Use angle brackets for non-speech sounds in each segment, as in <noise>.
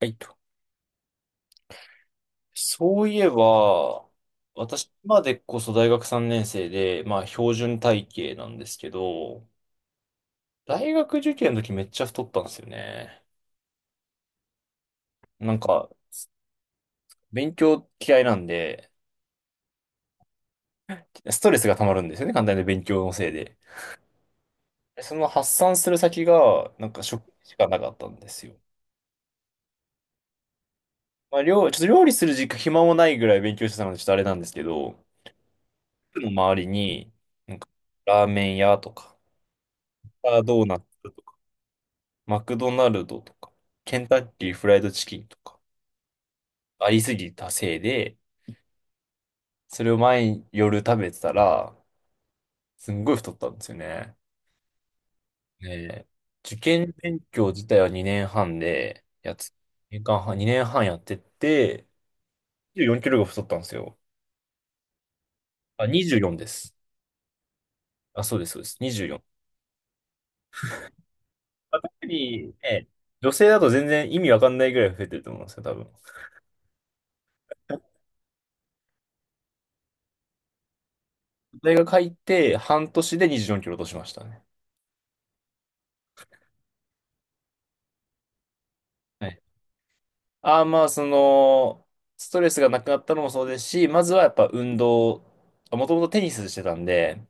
はいと。そういえば、私、今でこそ大学3年生で、まあ、標準体型なんですけど、大学受験の時めっちゃ太ったんですよね。なんか、勉強嫌いなんで、ストレスが溜まるんですよね、簡単に勉強のせいで。でその発散する先が、なんか食しかなかったんですよ。まあ、ちょっと料理する時間暇もないぐらい勉強してたので、ちょっとあれなんですけど、僕の周りに、なんか、ラーメン屋とか、ドーナツマクドナルドとか、ケンタッキーフライドチキンとか、ありすぎたせいで、それを毎夜食べてたら、すんごい太ったんですよね。で、受験勉強自体は2年半で、年間半、2年半やってって、24キロが太ったんですよ。あ、24です。あ、そうです、そうです。24。まあ、特にね、女性だと全然意味わかんないぐらい増えてると思うんですよ、多分。大学入って半年で24キロ落としましたね。はい。まあ、その、ストレスがなくなったのもそうですし、まずはやっぱ運動、もともとテニスしてたんで、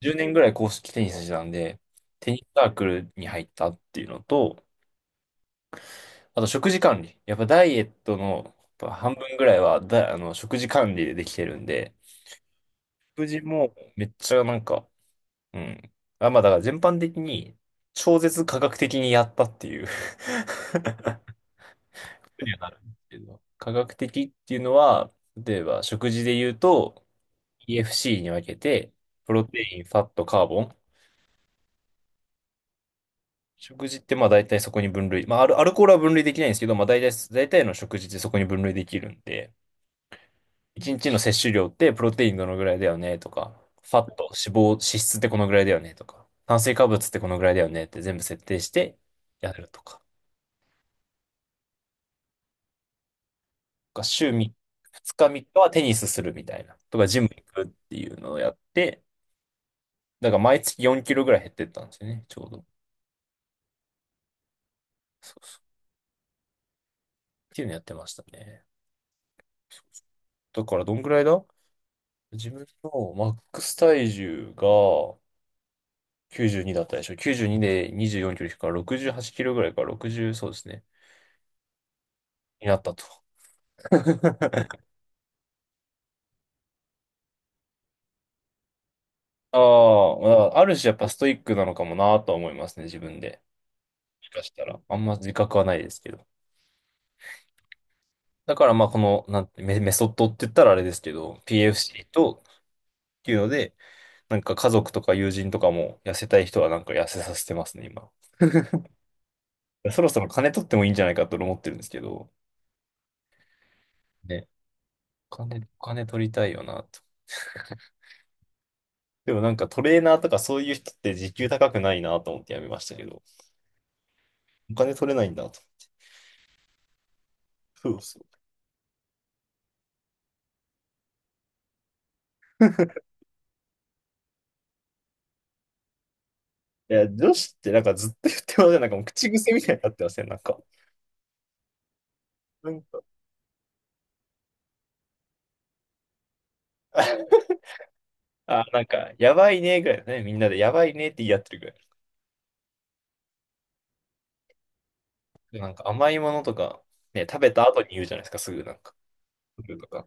10年ぐらい公式テニスしてたんで、テニスサークルに入ったっていうのと、あと食事管理。やっぱダイエットのやっぱ半分ぐらいはあの、食事管理でできてるんで、食事もめっちゃなんか、うん。あ、まあだから全般的に超絶科学的にやったっていう <laughs> ことにはなるんですけど、科学的っていうのは、例えば食事で言うと、EFC に分けて、プロテイン、ファット、カーボン。食事ってまあ大体そこに分類。まあアルコールは分類できないんですけど、まあ大体、大体の食事ってそこに分類できるんで、1日の摂取量ってプロテインどのぐらいだよねとか、ファット、脂肪、脂質ってこのぐらいだよねとか、炭水化物ってこのぐらいだよねって全部設定してやるとか、とか週3、2日っかはテニスするみたいな、とかジム行くっていうのをやって、だから毎月4キロぐらい減ってったんですよね、ちょうど。っていうのやってましたね。だからどんぐらいだ、自分のマックス体重が92だったでしょ。92で24キロ引くから68キロぐらいか、60、そうですね。になったと。<laughs> ああ、まあある種やっぱストイックなのかもなとは思いますね、自分で。もしかしたら。あんま自覚はないですけど。だからまあこの、なんて、メソッドって言ったらあれですけど、PFC と、っていうので、なんか家族とか友人とかも痩せたい人はなんか痩せさせてますね、今。そろそろ金取ってもいいんじゃないかと思ってるんですけど、ね、お金取りたいよなと。でもなんかトレーナーとかそういう人って時給高くないなと思ってやめましたけど、お金取れないんだと。そうそう。いや、女子ってなんかずっと言ってません。なんかもう口癖みたいになってません。なんか。なんか、<laughs> あ、なんか、やばいねぐらいだね。みんなでやばいねって言い合ってるぐらい。でなんか甘いものとか、ね、食べた後に言うじゃないですか、すぐなんか。すぐとか。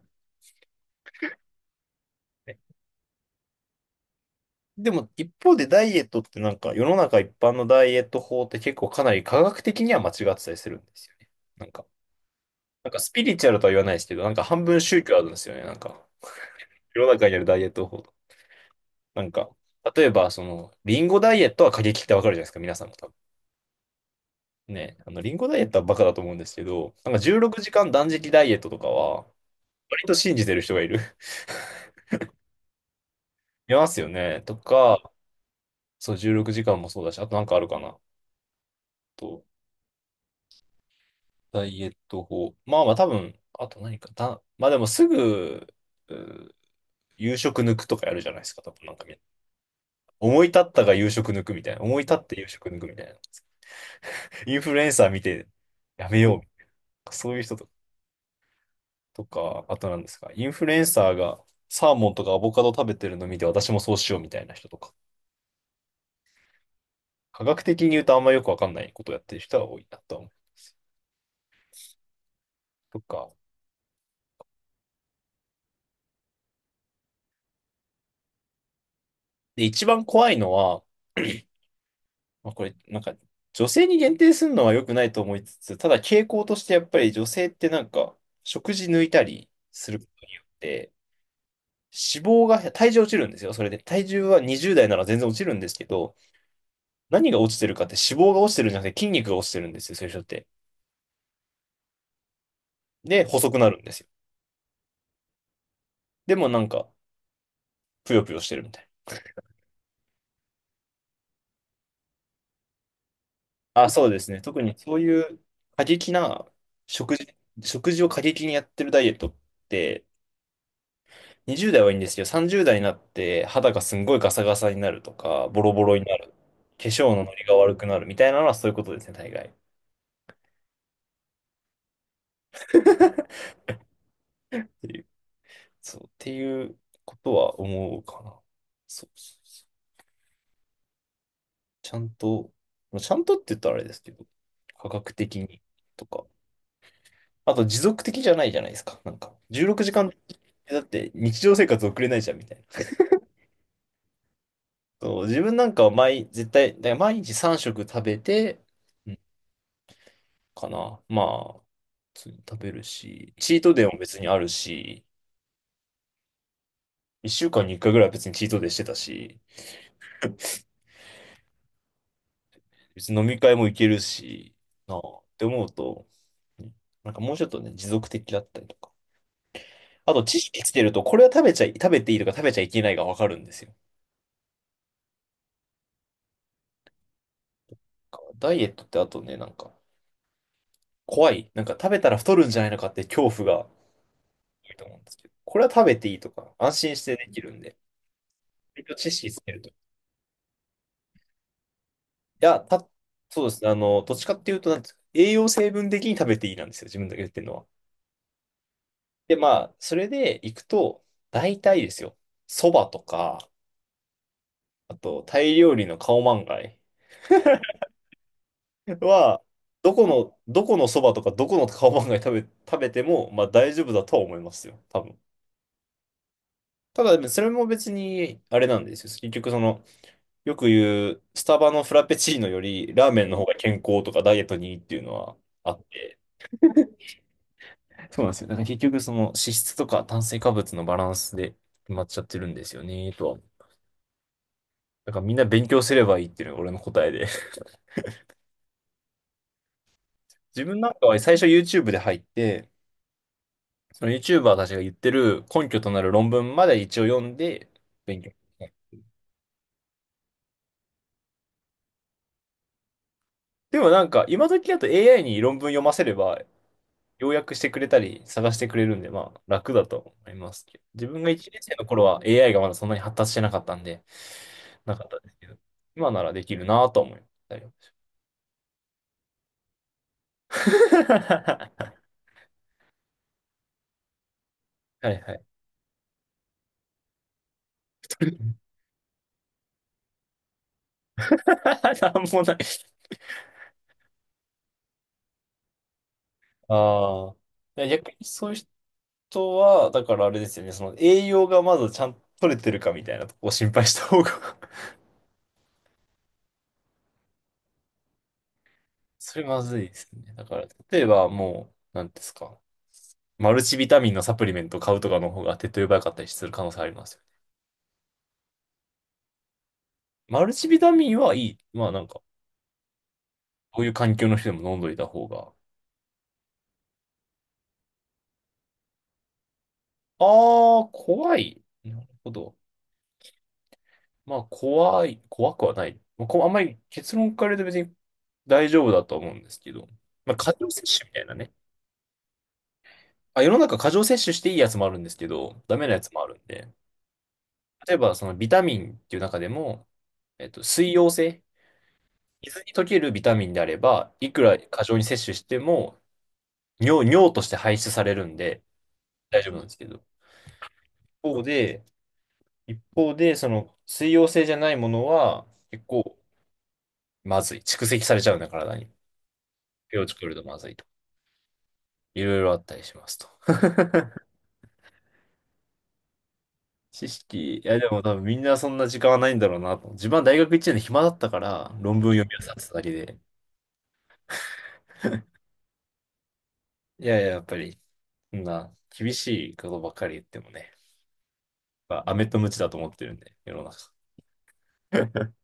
ね。でも一方でダイエットってなんか世の中一般のダイエット法って結構かなり科学的には間違ってたりするんですよね。なんかなんかスピリチュアルとは言わないですけど、なんか半分宗教あるんですよね。なんか、世の中にあるダイエット法。なんか、例えば、その、リンゴダイエットは過激ってわかるじゃないですか、皆さんも多分。ね、あの、リンゴダイエットはバカだと思うんですけど、なんか16時間断食ダイエットとかは、割と信じてる人がいる。<laughs> いますよね。とか、そう、16時間もそうだし、あとなんかあるかな。と、ダイエット法。まあまあ多分、あと何か、まあでもすぐ、うー夕食抜くとかやるじゃないですか、多分なんか思い立ったが夕食抜くみたいな。思い立って夕食抜くみたいな。インフルエンサー見てやめよう。そういう人ととか、あとなんですか。インフルエンサーがサーモンとかアボカド食べてるの見て私もそうしようみたいな人とか。科学的に言うとあんまよくわかんないことをやってる人が多いなとは思う。とか。で、一番怖いのは、<clears throat> まあこれ、なんか、女性に限定するのは良くないと思いつつ、ただ傾向としてやっぱり女性ってなんか、食事抜いたりすることによって、脂肪が、体重落ちるんですよ。それで、体重は20代なら全然落ちるんですけど、何が落ちてるかって脂肪が落ちてるんじゃなくて筋肉が落ちてるんですよ、そういう人って。で、細くなるんですよ。でもなんか、ぷよぷよしてるみたいな。あ、そうですね。特にそういう過激な食事、食事を過激にやってるダイエットって、20代はいいんですけど、30代になって肌がすんごいガサガサになるとか、ボロボロになる、化粧のノリが悪くなるみたいなのはそういうことですね、大概。そう、っていうことは思うかな。そうそうそう。ちゃんと、まあちゃんとって言ったらあれですけど、科学的にとか、あと持続的じゃないじゃないですか。なんか、16時間だって日常生活送れないじゃんみたいな。そう、自分なんかは絶対、だから毎日3食食べて、うんかな。まあ、普通に食べるし、チートデイも別にあるし、1週間に1回ぐらいは別にチートデイしてたし、別に飲み会も行けるし、なあって思うと、ね、なんかもうちょっとね、持続的だったりとか。あと、知識つけると、これは食べていいとか食べちゃいけないがわかるんですよ。ダイエットってあとね、なんか、怖い。なんか食べたら太るんじゃないのかって恐怖が多いと思うんですけど、これは食べていいとか、安心してできるんで、割と知識つけると。いや、そうですね、あの、どっちかっていうと、なんですか、栄養成分的に食べていいなんですよ、自分だけ言ってるのは。で、まあ、それで行くと、大体ですよ、蕎麦とか、あと、タイ料理のカオマンガイは、どこのそばとかどこのカオマンガイ<laughs> 食べても、まあ大丈夫だとは思いますよ。多分。ただ、それも別に、あれなんですよ。結局、その、よく言う、スタバのフラペチーノより、ラーメンの方が健康とかダイエットにいいっていうのはあって。そうなんですよ。だから結局、その、脂質とか炭水化物のバランスで決まっちゃってるんですよね、とは。だからみんな勉強すればいいっていうのが俺の答えで。<laughs> 自分なんかは最初 YouTube で入って、その YouTuber たちが言ってる根拠となる論文まで一応読んで勉強。でもなんか今時だと AI に論文読ませれば要約してくれたり探してくれるんでまあ楽だと思いますけど。自分が1年生の頃は AI がまだそんなに発達してなかったんで、なかったですけど、今ならできるなと思いましたよ。<laughs> はいはい。<laughs> なんもない。ああ。逆にそういう人とは、だからあれですよね、その栄養がまずちゃんと取れてるかみたいなとこを心配した方が。 <laughs> それまずいですね。だから、例えばもう、なんですか、マルチビタミンのサプリメントを買うとかの方が手っ取り早かったりする可能性ありますよね。マルチビタミンはいい。まあなんか、こういう環境の人でも飲んどいた方が。あー、怖い。なるほど。まあ、怖い。怖くはない。まあ、こうあんまり結論から言うと別に大丈夫だと思うんですけど、まあ、過剰摂取みたいなね。あ、世の中過剰摂取していいやつもあるんですけど、ダメなやつもあるんで、例えばそのビタミンっていう中でも、水溶性、水に溶けるビタミンであれば、いくら過剰に摂取しても、尿として排出されるんで、大丈夫なんですけど、一方で、一方で、その水溶性じゃないものは、結構まずい。蓄積されちゃうんだ、体に。手を作るとまずいと。いろいろあったりしますと。<laughs> 知識。いや、でも多分みんなそんな時間はないんだろうなと。自分は大学1年の暇だったから、論文読み漁ってただけで。いやいや、やっぱり、そんな厳しいことばっかり言ってもね、まあ、アメとムチだと思ってるんで、世の中。<laughs>